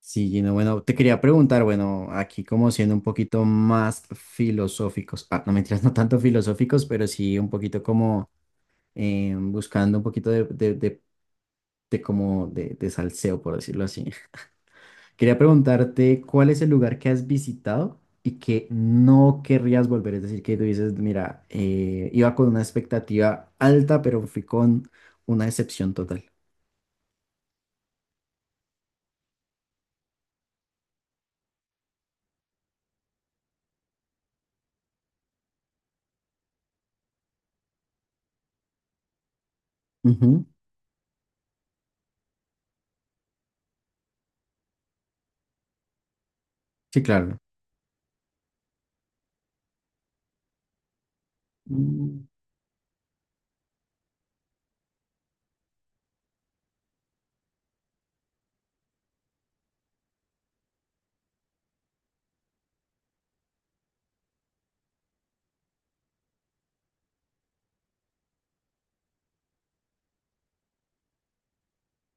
Sí, Gino, bueno, te quería preguntar, bueno, aquí como siendo un poquito más filosóficos, ah, no mentiras, no tanto filosóficos, pero sí un poquito como buscando un poquito de salseo, por decirlo así. Quería preguntarte cuál es el lugar que has visitado y que no querrías volver, es decir, que tú dices, mira, iba con una expectativa alta, pero fui con una decepción total. Ujú. Sí, claro. Mm.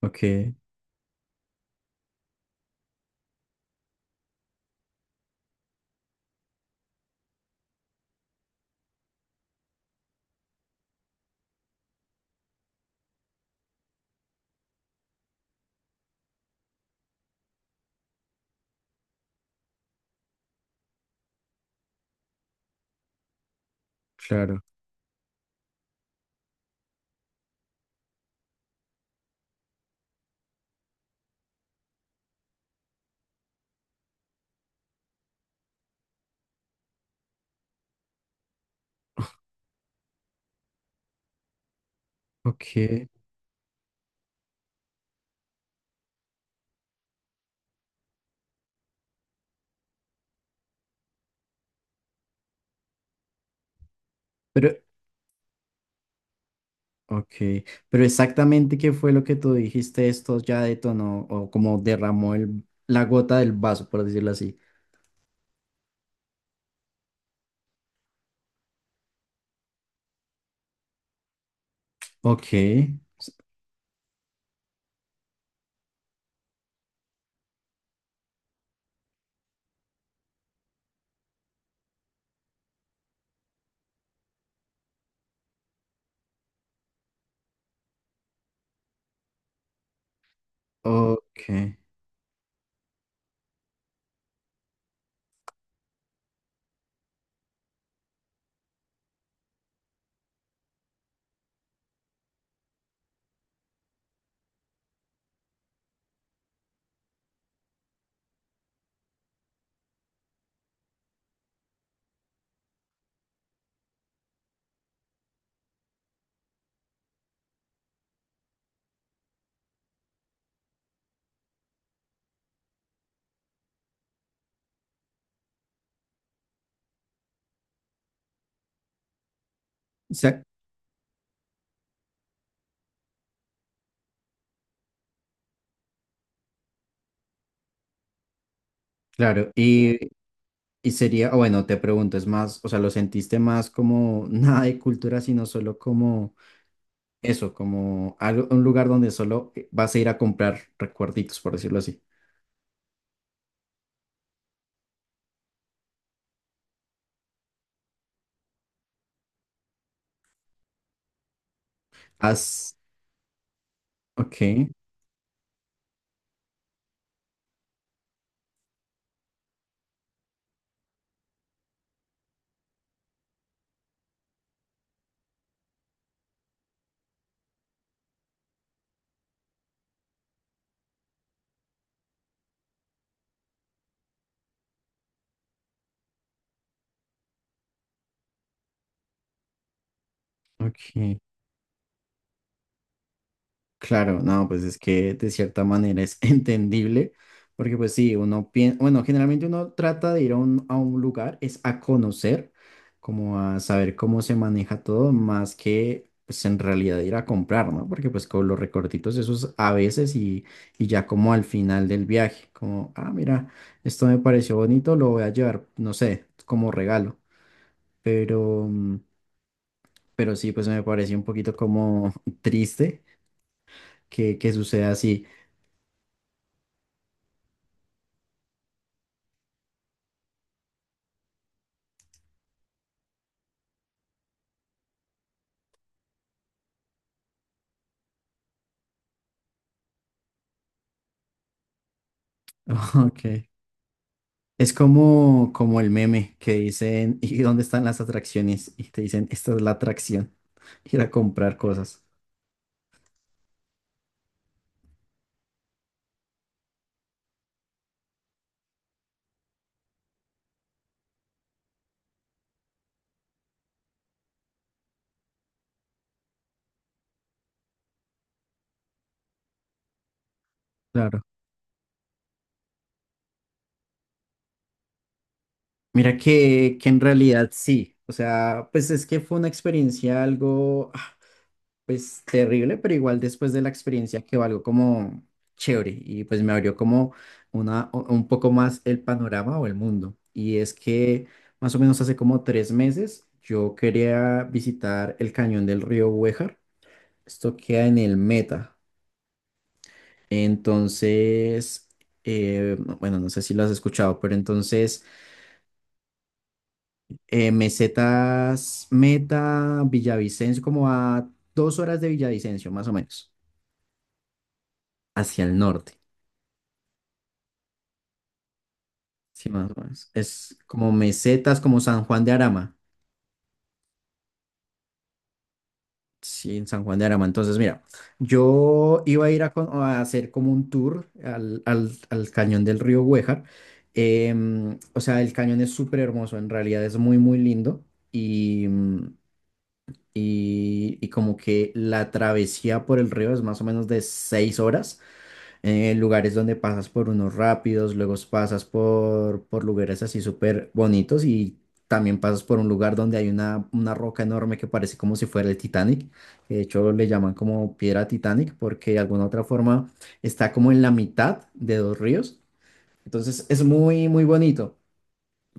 Ok, claro, ok. Pero, Ok, pero exactamente qué fue lo que tú dijiste, esto ya detonó o como derramó la gota del vaso, por decirlo así. Ok, ok. O sea, claro, y sería, o bueno, te pregunto, es más, o sea, lo sentiste más como nada de cultura, sino solo como eso, como algo, un lugar donde solo vas a ir a comprar recuerditos, por decirlo así. Has, ok, ok. Claro, no, pues es que de cierta manera es entendible, porque pues sí, uno piensa, bueno, generalmente uno trata de ir a un lugar, es a conocer, como a saber cómo se maneja todo, más que pues en realidad ir a comprar, ¿no? Porque pues con los recortitos esos a veces y ya como al final del viaje, como, ah, mira, esto me pareció bonito, lo voy a llevar, no sé, como regalo, pero, pero sí, pues me pareció un poquito como triste que suceda así. Ok. Es como, como el meme que dicen, ¿y dónde están las atracciones? Y te dicen, esta es la atracción, ir a comprar cosas. Claro. Mira que en realidad sí, o sea, pues es que fue una experiencia algo, ah, pues terrible, pero igual después de la experiencia quedó algo como chévere y pues me abrió como una, un poco más el panorama o el mundo. Y es que más o menos hace como 3 meses yo quería visitar el cañón del río Huejar. Esto queda en el Meta. Entonces, no, bueno, no sé si lo has escuchado, pero entonces Mesetas Meta, Villavicencio, como a 2 horas de Villavicencio, más o menos, hacia el norte. Sí, más o menos. Es como Mesetas, como San Juan de Arama. Sí, en San Juan de Arama. Entonces, mira, yo iba a ir a, a hacer como un tour al cañón del río Güejar. O sea, el cañón es súper hermoso, en realidad es muy, muy lindo. Y, y como que la travesía por el río es más o menos de 6 horas, lugares donde pasas por unos rápidos, luego pasas por lugares así súper bonitos y también pasas por un lugar donde hay una roca enorme que parece como si fuera el Titanic. De hecho, le llaman como piedra Titanic porque de alguna otra forma está como en la mitad de 2 ríos. Entonces es muy, muy bonito.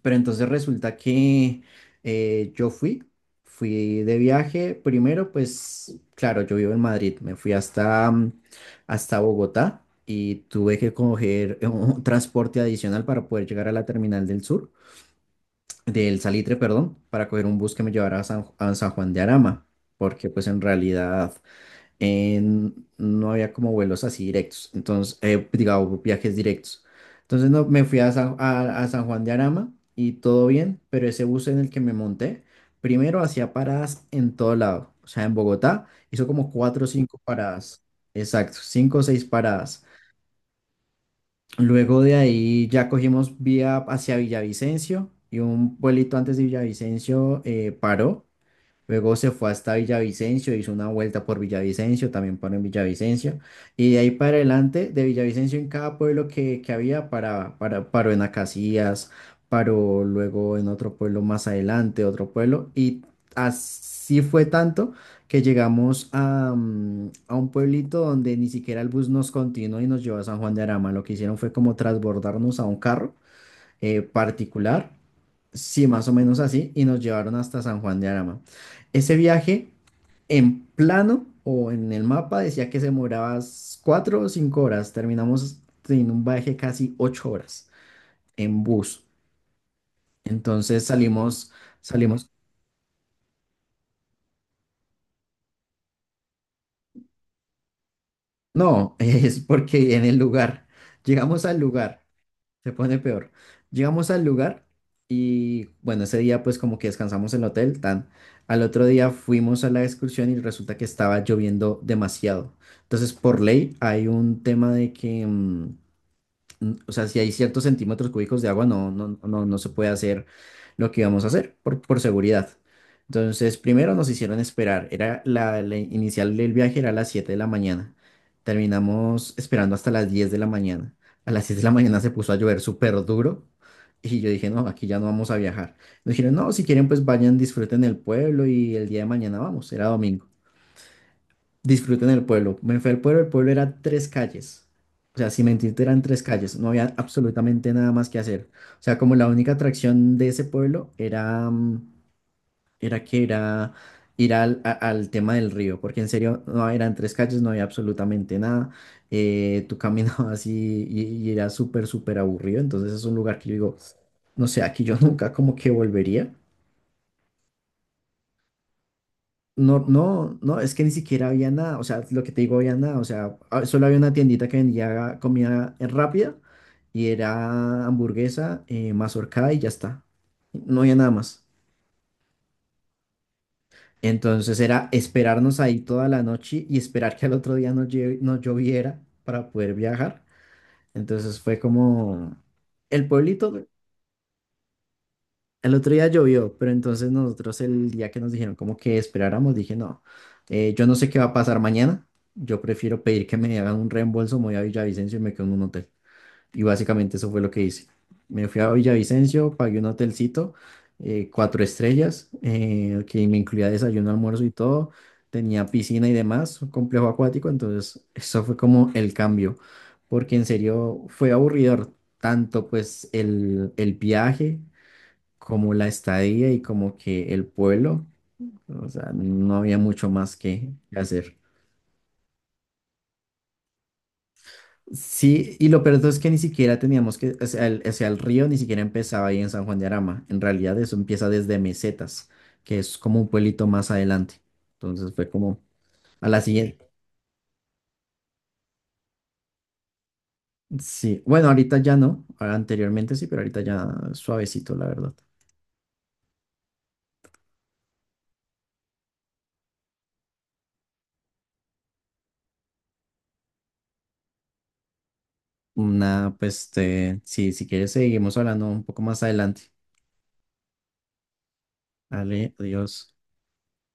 Pero entonces resulta que eh, yo fui, fui de viaje. Primero, pues claro, yo vivo en Madrid, me fui hasta, hasta Bogotá y tuve que coger un transporte adicional para poder llegar a la terminal del sur, del Salitre, perdón, para coger un bus que me llevara a San Juan de Arama, porque pues en realidad eh, no había como vuelos así directos, entonces, digamos, viajes directos. Entonces no, me fui a San Juan de Arama y todo bien, pero ese bus en el que me monté, primero hacía paradas en todo lado, o sea, en Bogotá hizo como 4 o 5 paradas, exacto, 5 o 6 paradas. Luego de ahí ya cogimos vía hacia Villavicencio y un pueblito antes de Villavicencio paró. Luego se fue hasta Villavicencio, hizo una vuelta por Villavicencio, también paró en Villavicencio. Y de ahí para adelante, de Villavicencio en cada pueblo que había, paró en Acacías, paró luego en otro pueblo más adelante, otro pueblo. Y así fue tanto que llegamos a, a un pueblito donde ni siquiera el bus nos continuó y nos llevó a San Juan de Arama. Lo que hicieron fue como transbordarnos a un carro particular. Sí, más o menos así, y nos llevaron hasta San Juan de Arama. Ese viaje en plano o en el mapa decía que se demoraba 4 o 5 horas. Terminamos en un viaje casi 8 horas en bus. Entonces salimos, salimos. No, es porque en el lugar, llegamos al lugar. Se pone peor. Llegamos al lugar y bueno, ese día pues como que descansamos en el hotel, tan. Al otro día fuimos a la excursión y resulta que estaba lloviendo demasiado. Entonces, por ley hay un tema de que o sea, si hay ciertos centímetros cúbicos de agua, no se puede hacer lo que íbamos a hacer por seguridad. Entonces, primero nos hicieron esperar. Era la inicial del viaje era a las 7 de la mañana. Terminamos esperando hasta las 10 de la mañana. A las 7 de la mañana se puso a llover súper duro. Y yo dije, no, aquí ya no vamos a viajar. Nos dijeron, no, si quieren, pues vayan, disfruten el pueblo y el día de mañana vamos. Era domingo. Disfruten el pueblo. Me fui al pueblo, el pueblo era 3 calles. O sea, sin mentirte, eran 3 calles. No había absolutamente nada más que hacer. O sea, como la única atracción de ese pueblo era, era que era ir al, al tema del río, porque en serio, no eran 3 calles, no había absolutamente nada. Tú caminabas y, y era súper, súper aburrido. Entonces es un lugar que yo digo, no sé, aquí yo nunca como que volvería. No, es que ni siquiera había nada, o sea, lo que te digo, había nada, o sea, ah, solo había una tiendita que vendía comida rápida y era hamburguesa, mazorcada y ya está, no había nada más. Entonces era esperarnos ahí toda la noche y esperar que al otro día no, no lloviera para poder viajar. Entonces fue como, el pueblito. El otro día llovió, pero entonces nosotros el día que nos dijeron como que esperáramos, dije, no, yo no sé qué va a pasar mañana, yo prefiero pedir que me hagan un reembolso, me voy a Villavicencio y me quedo en un hotel. Y básicamente eso fue lo que hice. Me fui a Villavicencio, pagué un hotelcito, 4 estrellas, que me incluía desayuno, almuerzo y todo, tenía piscina y demás, un complejo acuático, entonces eso fue como el cambio, porque en serio fue aburridor tanto pues el viaje como la estadía y como que el pueblo, o sea, no había mucho más que hacer. Sí, y lo peor de todo es que ni siquiera teníamos que, o sea, el río ni siquiera empezaba ahí en San Juan de Arama, en realidad eso empieza desde Mesetas, que es como un pueblito más adelante. Entonces fue como a la siguiente. Sí, bueno, ahorita ya no, ahora anteriormente sí, pero ahorita ya suavecito, la verdad. Nada, pues, este, sí, si quieres seguimos hablando un poco más adelante. Dale, adiós.